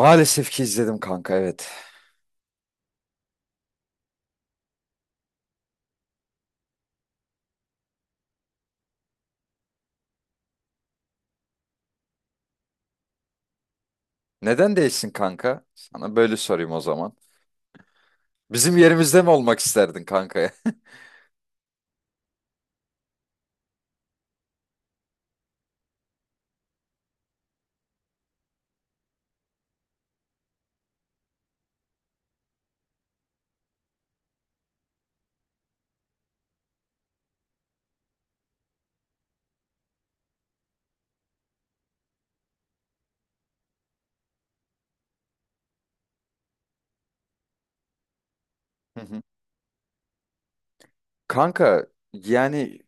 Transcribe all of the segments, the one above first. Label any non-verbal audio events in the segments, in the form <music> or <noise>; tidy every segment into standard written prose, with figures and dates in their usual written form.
Maalesef ki izledim kanka, evet. Neden değilsin kanka? Sana böyle sorayım o zaman. Bizim yerimizde mi olmak isterdin kanka? <laughs> Hı hı. Kanka yani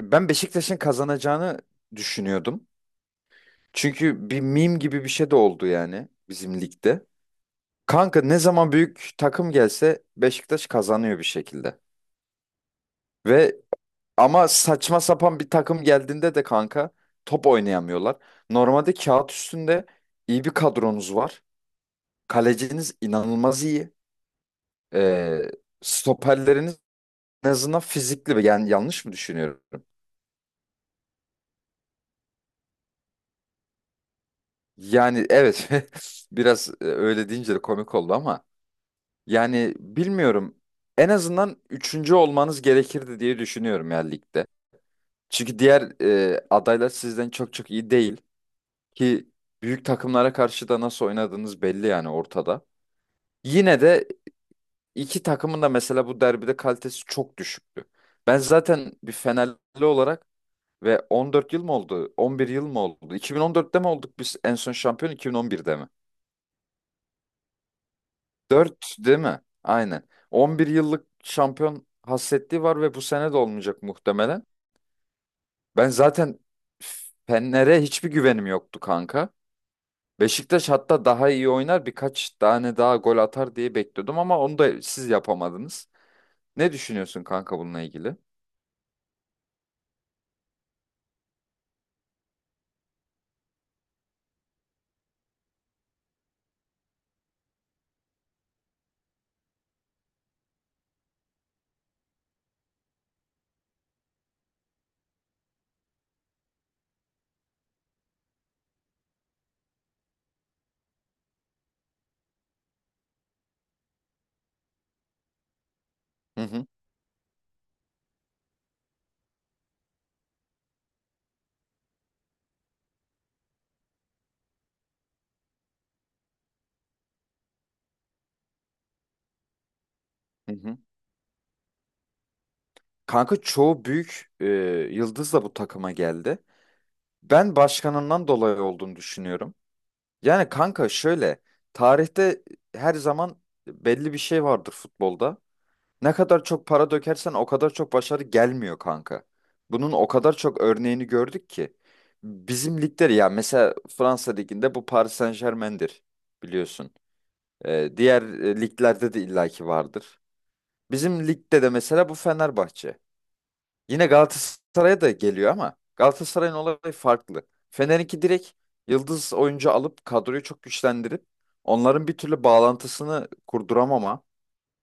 ben Beşiktaş'ın kazanacağını düşünüyordum. Çünkü bir meme gibi bir şey de oldu yani bizim ligde. Kanka ne zaman büyük takım gelse Beşiktaş kazanıyor bir şekilde. Ve ama saçma sapan bir takım geldiğinde de kanka top oynayamıyorlar. Normalde kağıt üstünde iyi bir kadronuz var. Kaleciniz inanılmaz iyi. Ee, Stoperleriniz en azından fizikli. Yani yanlış mı düşünüyorum? Yani evet, <laughs> biraz öyle deyince de komik oldu ama yani bilmiyorum. En azından üçüncü olmanız gerekirdi diye düşünüyorum ya ligde. Çünkü diğer adaylar sizden çok çok iyi değil ki büyük takımlara karşı da nasıl oynadığınız belli yani ortada. Yine de iki takımın da mesela bu derbide kalitesi çok düşüktü. Ben zaten bir Fenerli olarak. Ve 14 yıl mı oldu? 11 yıl mı oldu? 2014'te mi olduk biz en son şampiyon, 2011'de mi? 4 değil mi? Aynen. 11 yıllık şampiyon hasretliği var ve bu sene de olmayacak muhtemelen. Ben zaten Fener'e hiçbir güvenim yoktu kanka. Beşiktaş hatta daha iyi oynar, birkaç tane daha gol atar diye bekliyordum ama onu da siz yapamadınız. Ne düşünüyorsun kanka bununla ilgili? Hı hı. Hı hı. Kanka, çoğu büyük yıldız da bu takıma geldi. Ben başkanından dolayı olduğunu düşünüyorum. Yani kanka şöyle, tarihte her zaman belli bir şey vardır futbolda. Ne kadar çok para dökersen o kadar çok başarı gelmiyor kanka. Bunun o kadar çok örneğini gördük ki. Bizim ligler ya, mesela Fransa liginde bu Paris Saint-Germain'dir, biliyorsun. Diğer liglerde de illaki vardır. Bizim ligde de mesela bu Fenerbahçe. Yine Galatasaray'a da geliyor ama Galatasaray'ın olayı farklı. Fener'inki direkt yıldız oyuncu alıp kadroyu çok güçlendirip onların bir türlü bağlantısını kurduramama,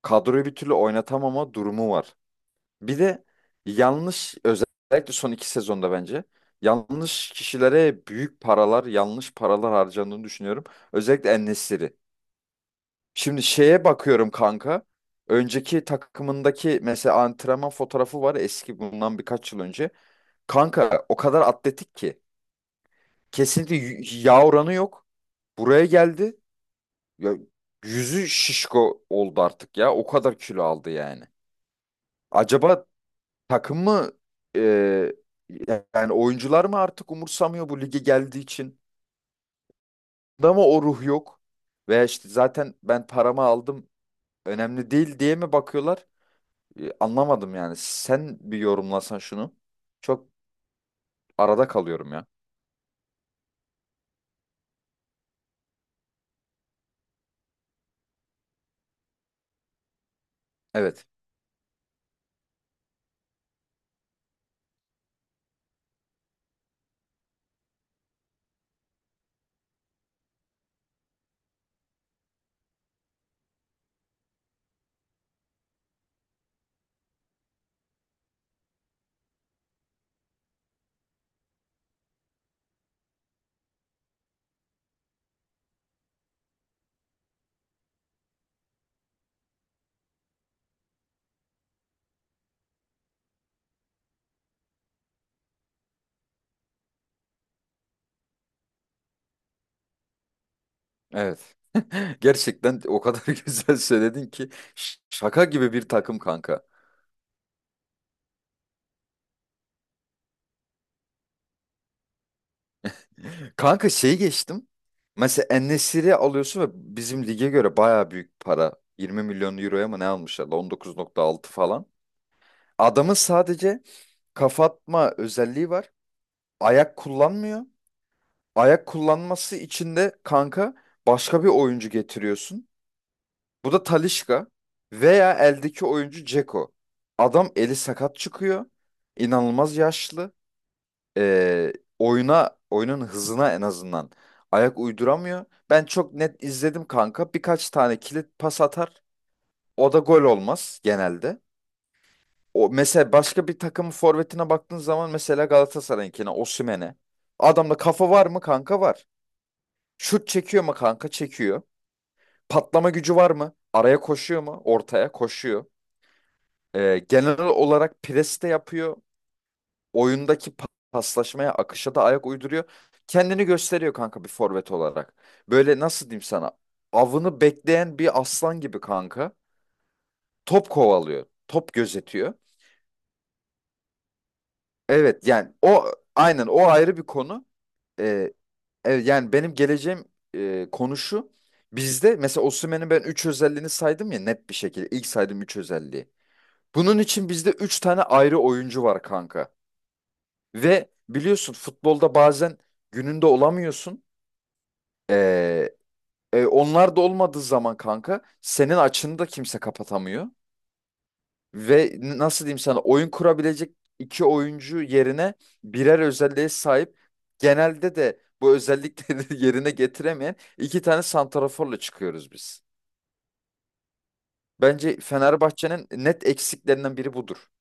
kadroyu bir türlü oynatamama durumu var. Bir de yanlış, özellikle son iki sezonda bence yanlış kişilere büyük paralar, yanlış paralar harcandığını düşünüyorum. Özellikle en. Şimdi şeye bakıyorum kanka. Önceki takımındaki mesela antrenman fotoğrafı var, eski, bundan birkaç yıl önce. Kanka o kadar atletik ki. Kesinlikle yağ oranı yok. Buraya geldi. Ya, yüzü şişko oldu artık ya. O kadar kilo aldı yani. Acaba takım mı, e, yani oyuncular mı artık umursamıyor bu lige geldiği için? Da mı o ruh yok? Veya işte, zaten ben paramı aldım, önemli değil diye mi bakıyorlar? Anlamadım yani. Sen bir yorumlasan şunu. Çok arada kalıyorum ya. Evet. Evet. <laughs> Gerçekten o kadar <laughs> güzel söyledin ki şaka gibi bir takım kanka. Kanka şeyi geçtim. Mesela en alıyorsun ve bizim lige göre baya büyük para. 20 milyon euroya mı ne almışlar? 19,6 falan. Adamın sadece kafa atma özelliği var. Ayak kullanmıyor. Ayak kullanması için de kanka başka bir oyuncu getiriyorsun. Bu da Talisca veya eldeki oyuncu Dzeko. Adam eli sakat çıkıyor. İnanılmaz yaşlı. Ee, Oyuna, oyunun hızına en azından ayak uyduramıyor. Ben çok net izledim kanka. Birkaç tane kilit pas atar. O da gol olmaz genelde. O, mesela başka bir takımın forvetine baktığın zaman, mesela Galatasaray'ınkine, Osimhen'e. Adamda kafa var mı kanka? Var. Şut çekiyor mu kanka? Çekiyor. Patlama gücü var mı? Araya koşuyor mu? Ortaya koşuyor. Genel olarak pres de yapıyor. Oyundaki paslaşmaya, akışa da ayak uyduruyor. Kendini gösteriyor kanka bir forvet olarak. Böyle nasıl diyeyim sana? Avını bekleyen bir aslan gibi kanka. Top kovalıyor, top gözetiyor. Evet yani o, aynen, o ayrı bir konu. E, evet, yani benim geleceğim konu şu. Bizde mesela Osimhen'in ben 3 özelliğini saydım ya, net bir şekilde. İlk saydım 3 özelliği. Bunun için bizde 3 tane ayrı oyuncu var kanka. Ve biliyorsun futbolda bazen gününde olamıyorsun. Ee, Onlar da olmadığı zaman kanka senin açını da kimse kapatamıyor. Ve nasıl diyeyim sana, oyun kurabilecek iki oyuncu yerine birer özelliğe sahip, genelde de bu özellikleri <laughs> yerine getiremeyen iki tane santraforla çıkıyoruz biz. Bence Fenerbahçe'nin net eksiklerinden biri budur.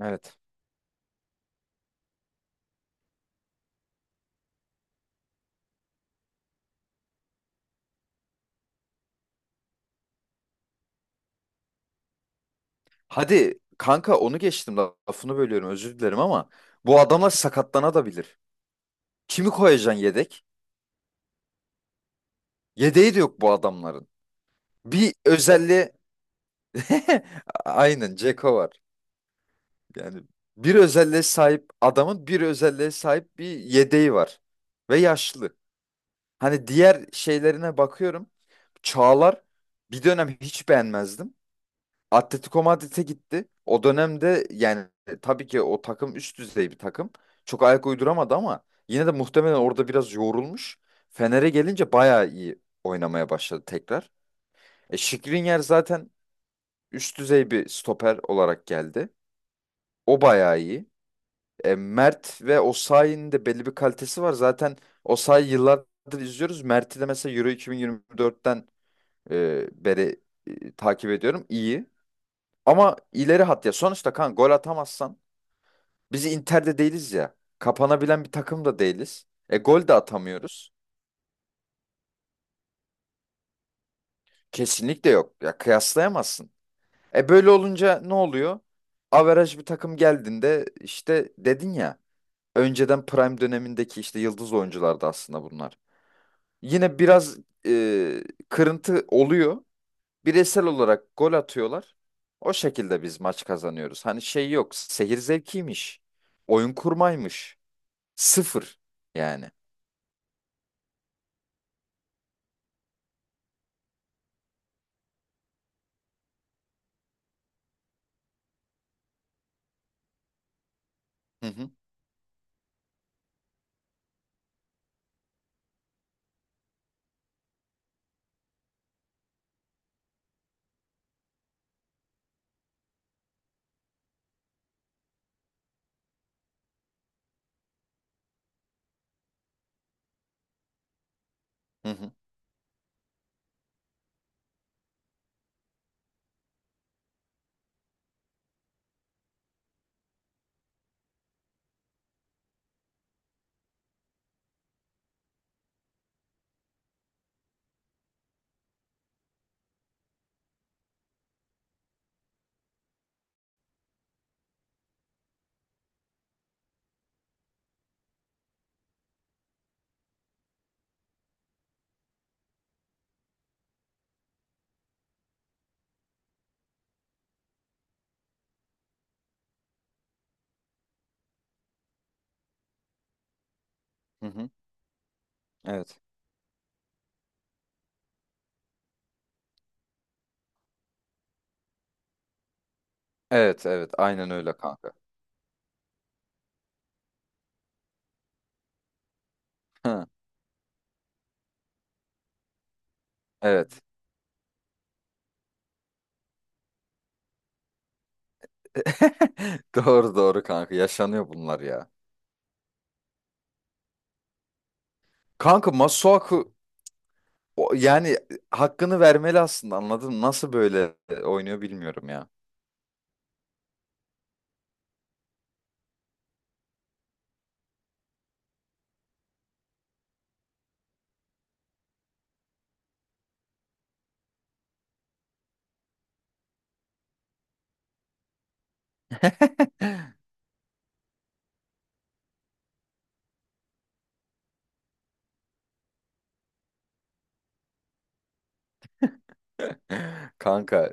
Evet. Hadi kanka onu geçtim, lafını bölüyorum, özür dilerim ama bu adamlar sakatlanabilir. Kimi koyacaksın yedek? Yedeği de yok bu adamların. Bir özelliğe <laughs> aynen, Ceko var. Yani bir özelliğe sahip adamın bir özelliğe sahip bir yedeği var. Ve yaşlı. Hani diğer şeylerine bakıyorum. Çağlar, bir dönem hiç beğenmezdim. Atletico Madrid'e gitti. O dönemde yani tabii ki o takım üst düzey bir takım. Çok ayak uyduramadı ama yine de muhtemelen orada biraz yorulmuş. Fener'e gelince bayağı iyi oynamaya başladı tekrar. Skriniar zaten üst düzey bir stoper olarak geldi. O bayağı iyi. Mert ve Osayi'nin de belli bir kalitesi var. Zaten Osayi yıllardır izliyoruz. Mert'i de mesela Euro 2024'ten beri takip ediyorum. İyi. Ama ileri hat ya. Sonuçta kan, gol atamazsan biz Inter'de değiliz ya. Kapanabilen bir takım da değiliz. E gol de atamıyoruz. Kesinlikle yok. Ya kıyaslayamazsın. E böyle olunca ne oluyor? Averaj bir takım geldiğinde, işte dedin ya, önceden prime dönemindeki işte yıldız oyunculardı aslında bunlar. Yine biraz kırıntı oluyor. Bireysel olarak gol atıyorlar. O şekilde biz maç kazanıyoruz. Hani şey yok, seyir zevkiymiş. Oyun kurmaymış. Sıfır yani. Hı hı, hı hı. Hı hı. Evet. Evet, evet, aynen öyle kanka. Hı. Evet. <laughs> Doğru doğru kanka, yaşanıyor bunlar ya. Kanka Masuaku, yani hakkını vermeli aslında, anladın mı? Nasıl böyle oynuyor bilmiyorum ya. <laughs> Kanka,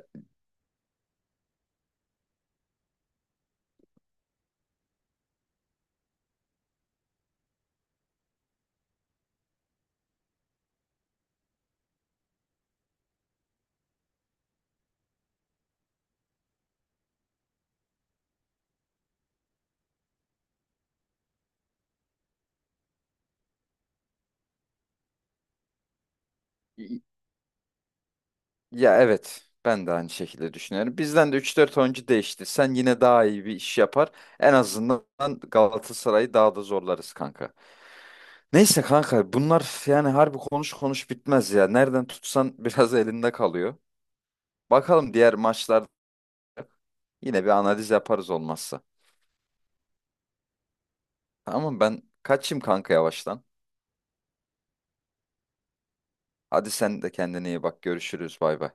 i- ya evet, ben de aynı şekilde düşünüyorum. Bizden de üç dört oyuncu değişti. Sen yine daha iyi bir iş yapar. En azından Galatasaray'ı daha da zorlarız kanka. Neyse kanka, bunlar yani harbi, konuş konuş bitmez ya. Nereden tutsan <laughs> biraz elinde kalıyor. Bakalım, diğer maçlar yine bir analiz yaparız olmazsa. Tamam, ben kaçayım kanka yavaştan. Hadi sen de kendine iyi bak. Görüşürüz. Bay bay.